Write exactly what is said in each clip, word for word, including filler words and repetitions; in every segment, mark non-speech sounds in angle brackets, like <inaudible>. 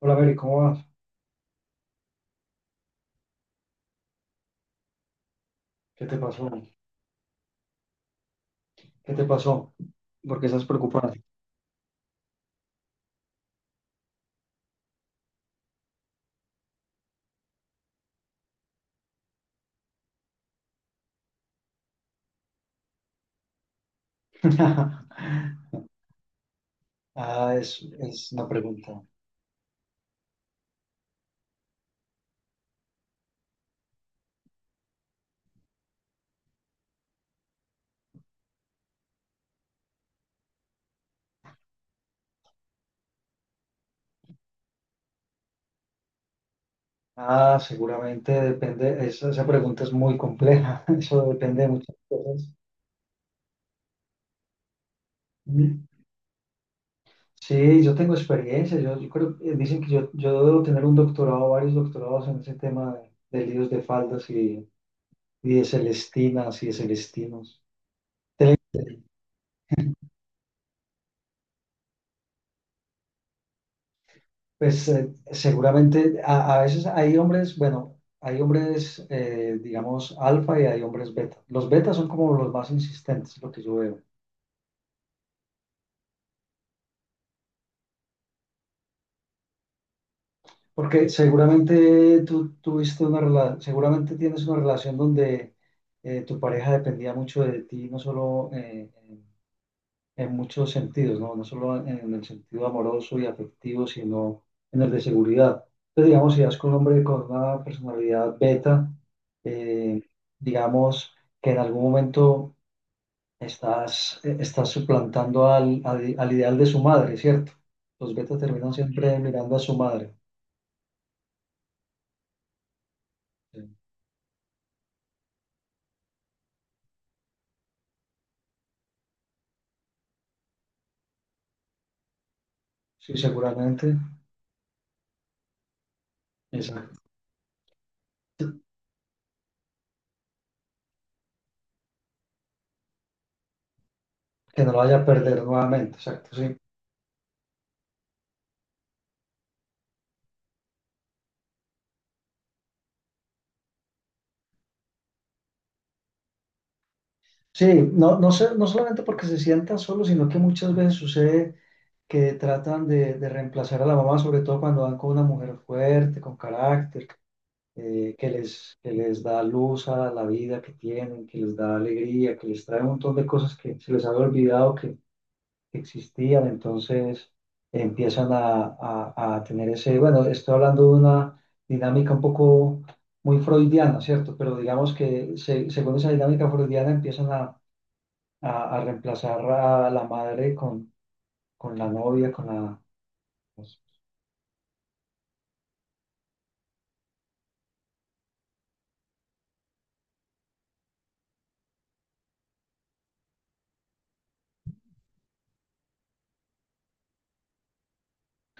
Hola, Mary, ¿cómo vas? ¿Qué te pasó? ¿Qué te pasó? ¿Por qué estás preocupada? <laughs> Ah, es, es una pregunta. Ah, seguramente depende, esa, esa pregunta es muy compleja, <laughs> eso depende de muchas cosas. Mm. Sí, yo tengo experiencia, yo, yo creo, eh, dicen que yo, yo debo tener un doctorado, varios doctorados en ese tema de, de líos de faldas y, y de celestinas y de celestinos. Pues eh, seguramente a, a veces hay hombres, bueno, hay hombres, eh, digamos, alfa y hay hombres beta. Los betas son como los más insistentes, lo que yo veo. Porque seguramente tú tuviste una relación, seguramente tienes una relación donde eh, tu pareja dependía mucho de ti, no solo eh, en en muchos sentidos, ¿no? No solo en en el sentido amoroso y afectivo, sino en el de seguridad. Entonces, digamos, si das con un hombre con una personalidad beta, eh, digamos que en algún momento estás, eh, estás suplantando al, al, al ideal de su madre, ¿cierto? Los betas terminan siempre mirando a su madre. Sí, seguramente. Exacto. Que no lo vaya a perder nuevamente, exacto, sí. Sí, no, no sé, no solamente porque se sientan solos, sino que muchas veces sucede que tratan de, de reemplazar a la mamá, sobre todo cuando van con una mujer fuerte, con carácter, eh, que les, que les da luz a la vida que tienen, que les da alegría, que les trae un montón de cosas que se les había olvidado que existían, entonces empiezan a, a, a tener ese, bueno, estoy hablando de una dinámica un poco muy freudiana, ¿cierto? Pero digamos que se- según esa dinámica freudiana empiezan a, a, a reemplazar a la madre con, con la novia, con la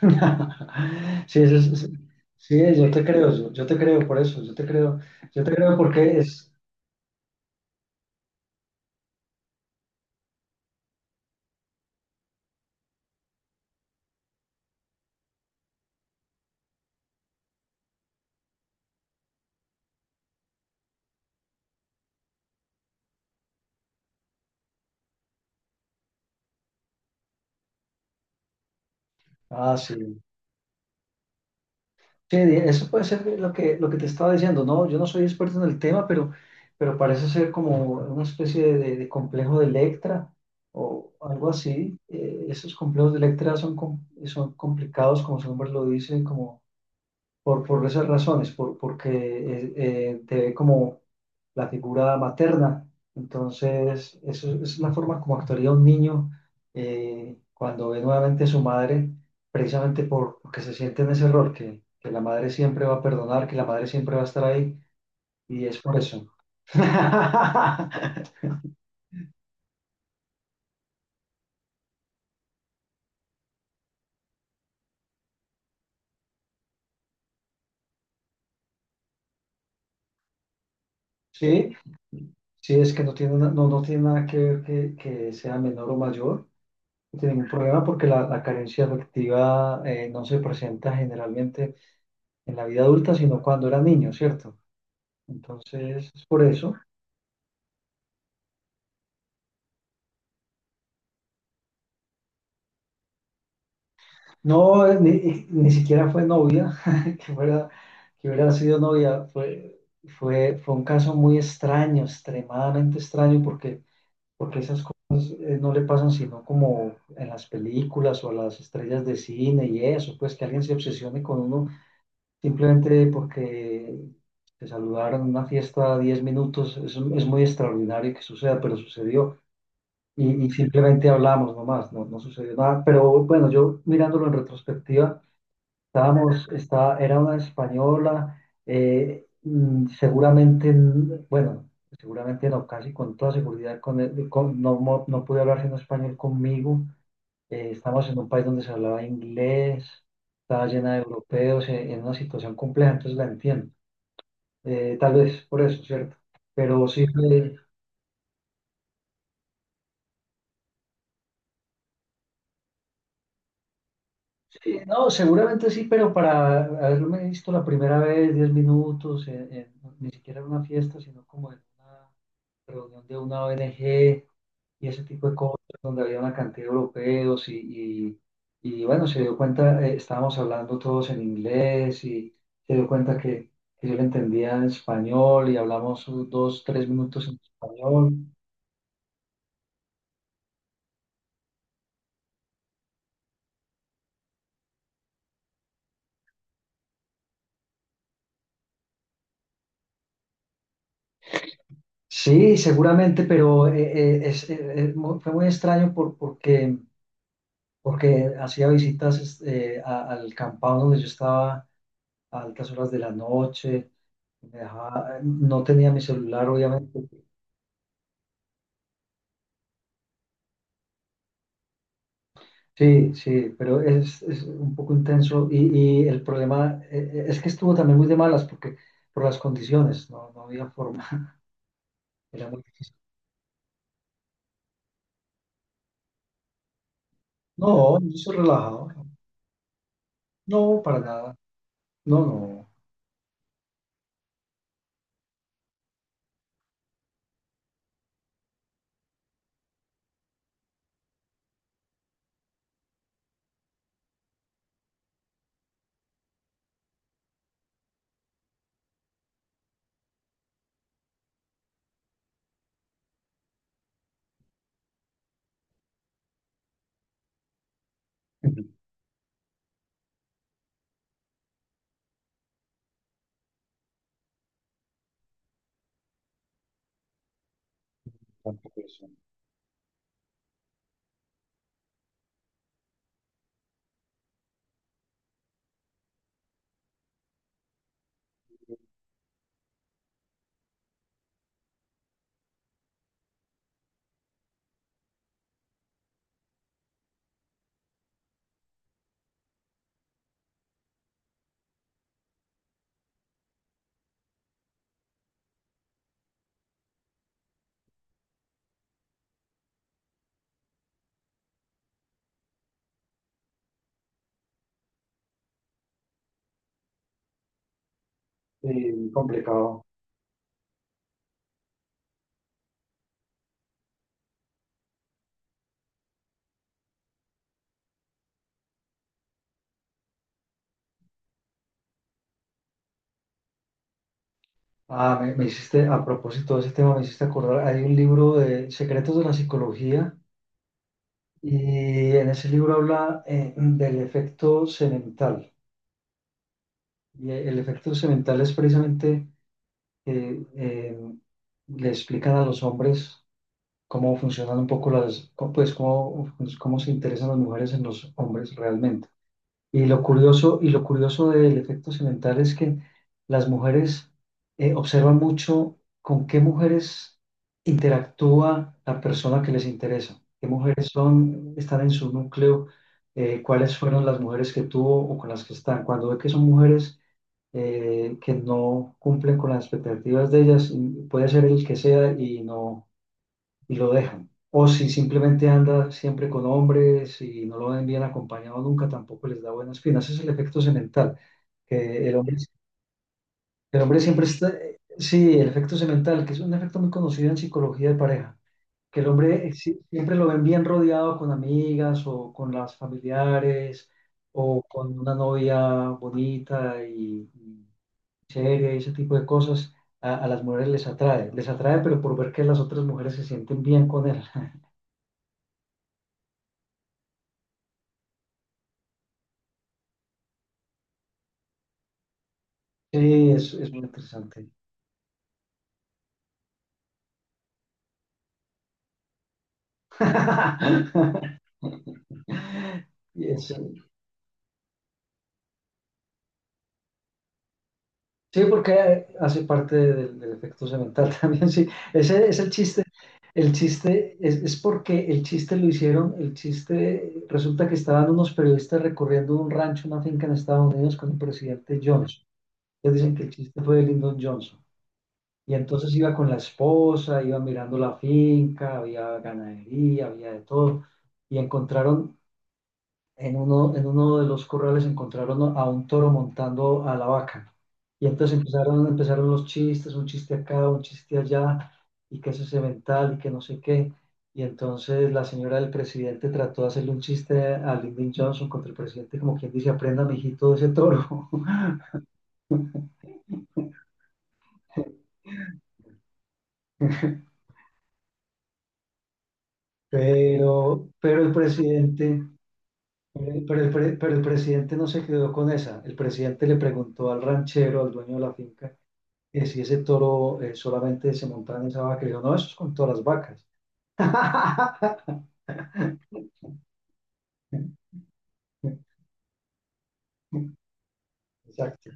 <laughs> Sí, eso es- sí, yo te creo, yo, yo te creo por eso, yo te creo, yo te creo porque es, ah, sí, sí, eso puede ser lo que, lo que te estaba diciendo, no, yo no soy experto en el tema, pero, pero parece ser como una especie de, de- de complejo de Electra o algo así. Eh, esos complejos de Electra son, com- son complicados, como su nombre lo dice, como. Por, por esas razones, por, porque eh, eh, te ve como la figura materna. Entonces, eso es la forma como actuaría un niño eh, cuando ve nuevamente a su madre, precisamente por, porque se siente en ese error, que, que la madre siempre va a perdonar, que la madre siempre va a estar ahí, y es por eso. <laughs> Sí, sí, es que no tiene, na- no, no tiene nada que ver que, que sea menor o mayor, no tiene ningún problema porque la, la carencia afectiva eh, no se presenta generalmente en la vida adulta, sino cuando era niño, ¿cierto? Entonces, es por eso. No, eh, ni, ni siquiera fue novia, <laughs> que fuera, que hubiera sido novia, fue, fue, fue un caso muy extraño, extremadamente extraño, porque, porque esas cosas eh, no le pasan sino como en las películas o a las estrellas de cine y eso, pues que alguien se obsesione con uno simplemente porque se saludaron en una fiesta diez minutos, es, es muy extraordinario que suceda, pero sucedió. y, y simplemente hablamos nomás, no, no sucedió nada. Pero bueno, yo mirándolo en retrospectiva, estábamos, está, era una española, eh, mm, seguramente, n- bueno, seguramente no, casi con toda seguridad, con, el- con- no, mo- no pude hablar sino español conmigo. Eh, estábamos en un país donde se hablaba inglés, estaba llena de europeos, eh, en, una situación compleja, entonces la entiendo. Eh, tal vez por eso, ¿cierto? Pero sí fue. Sí, no, seguramente sí, pero para haberme visto la primera vez, diez minutos, en- en- ni siquiera en una fiesta, sino como en una reunión de una O N G y ese tipo de cosas, donde había una cantidad de europeos y, y, y bueno, se dio cuenta, eh, estábamos hablando todos en inglés y se dio cuenta que, que yo le entendía en español y hablamos unos dos, tres minutos en español. Sí, seguramente, pero eh, eh, es, eh, eh, mu- fue muy extraño por, porque... porque hacía visitas eh, a- al campado donde yo estaba a altas horas de la noche, me dejaba- no tenía mi celular, obviamente. Sí, sí, pero es, es un poco intenso y, y el problema eh, es que estuvo también muy de malas porque por las condiciones, no, no había forma, <laughs> era muy difícil. No, yo soy relajado, no, para nada, no, no. <laughs> Tampoco eso. Sí, muy complicado. Ah, me, me hiciste, a propósito de ese tema, me hiciste acordar, hay un libro de Secretos de la Psicología. Y en ese libro habla eh, del efecto semental. Y el efecto semental es precisamente que eh, le explican a los hombres cómo funcionan un poco las, cómo- pues cómo, cómo se interesan las mujeres en los hombres realmente. Y lo curioso, y lo curioso del efecto semental es que las mujeres eh, observan mucho con qué mujeres interactúa la persona que les interesa, qué mujeres son, están en su núcleo, eh, cuáles fueron las mujeres que tuvo o con las que están. Cuando ve que son mujeres eh, que no cumplen con las expectativas de ellas, y puede ser el que sea y no y lo dejan. O si simplemente anda siempre con hombres y no lo ven bien acompañado nunca, tampoco les da buenas espinas. Ese es el efecto semental, que el hombre, el hombre siempre está, sí, el efecto semental, que es un efecto muy conocido en psicología de pareja, que el hombre eh, sí- siempre lo ven bien rodeado con amigas o con las familiares o con una novia bonita y, y seria y ese tipo de cosas. A, a las mujeres les atrae, les atrae, pero por ver que las otras mujeres se sienten bien con él. Sí, es, es muy interesante. <laughs> Y es- sí, porque hace parte del, del efecto semental <laughs> también, sí. Ese es el chiste. El chiste es, es porque el chiste lo hicieron, el chiste resulta que estaban unos periodistas recorriendo un rancho, una finca en Estados Unidos con el presidente Johnson. Ellos dicen que el chiste fue de Lyndon Johnson. Y entonces iba con la esposa, iba mirando la finca, había ganadería, había de todo. Y encontraron En uno, en uno de los corrales encontraron a un toro montando a la vaca. Y entonces empezaron, empezaron los chistes, un chiste acá, un chiste allá, y que eso es mental, y que no sé qué. Y entonces la señora del presidente trató de hacerle un chiste a Lyndon Johnson contra el presidente, como quien dice, aprenda, mijito, de ese toro. <laughs> Pero, pero el presidente eh, pero el, pre- pero el presidente no se quedó con esa. El presidente le preguntó al ranchero, al dueño de la finca, eh, si ese toro eh, solamente se montaba en esa vaca, y yo, no, eso es con todas las vacas. <laughs> Exacto.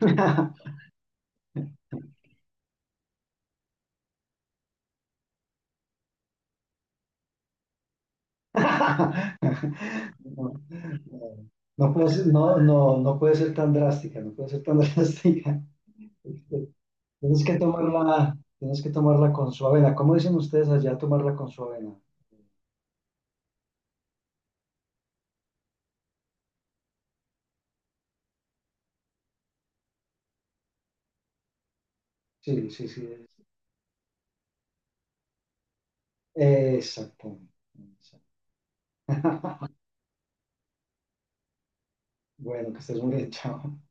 <laughs> No, no, no puede ser, no, no, no puede ser tan drástica, no puede ser tan <laughs> drástica. Este, Tienes que tomarla, tienes que tomarla con su avena. ¿Cómo dicen ustedes allá tomarla con su avena? Sí, sí, sí. Exacto. <laughs> Bueno, que estés muy bien, chao.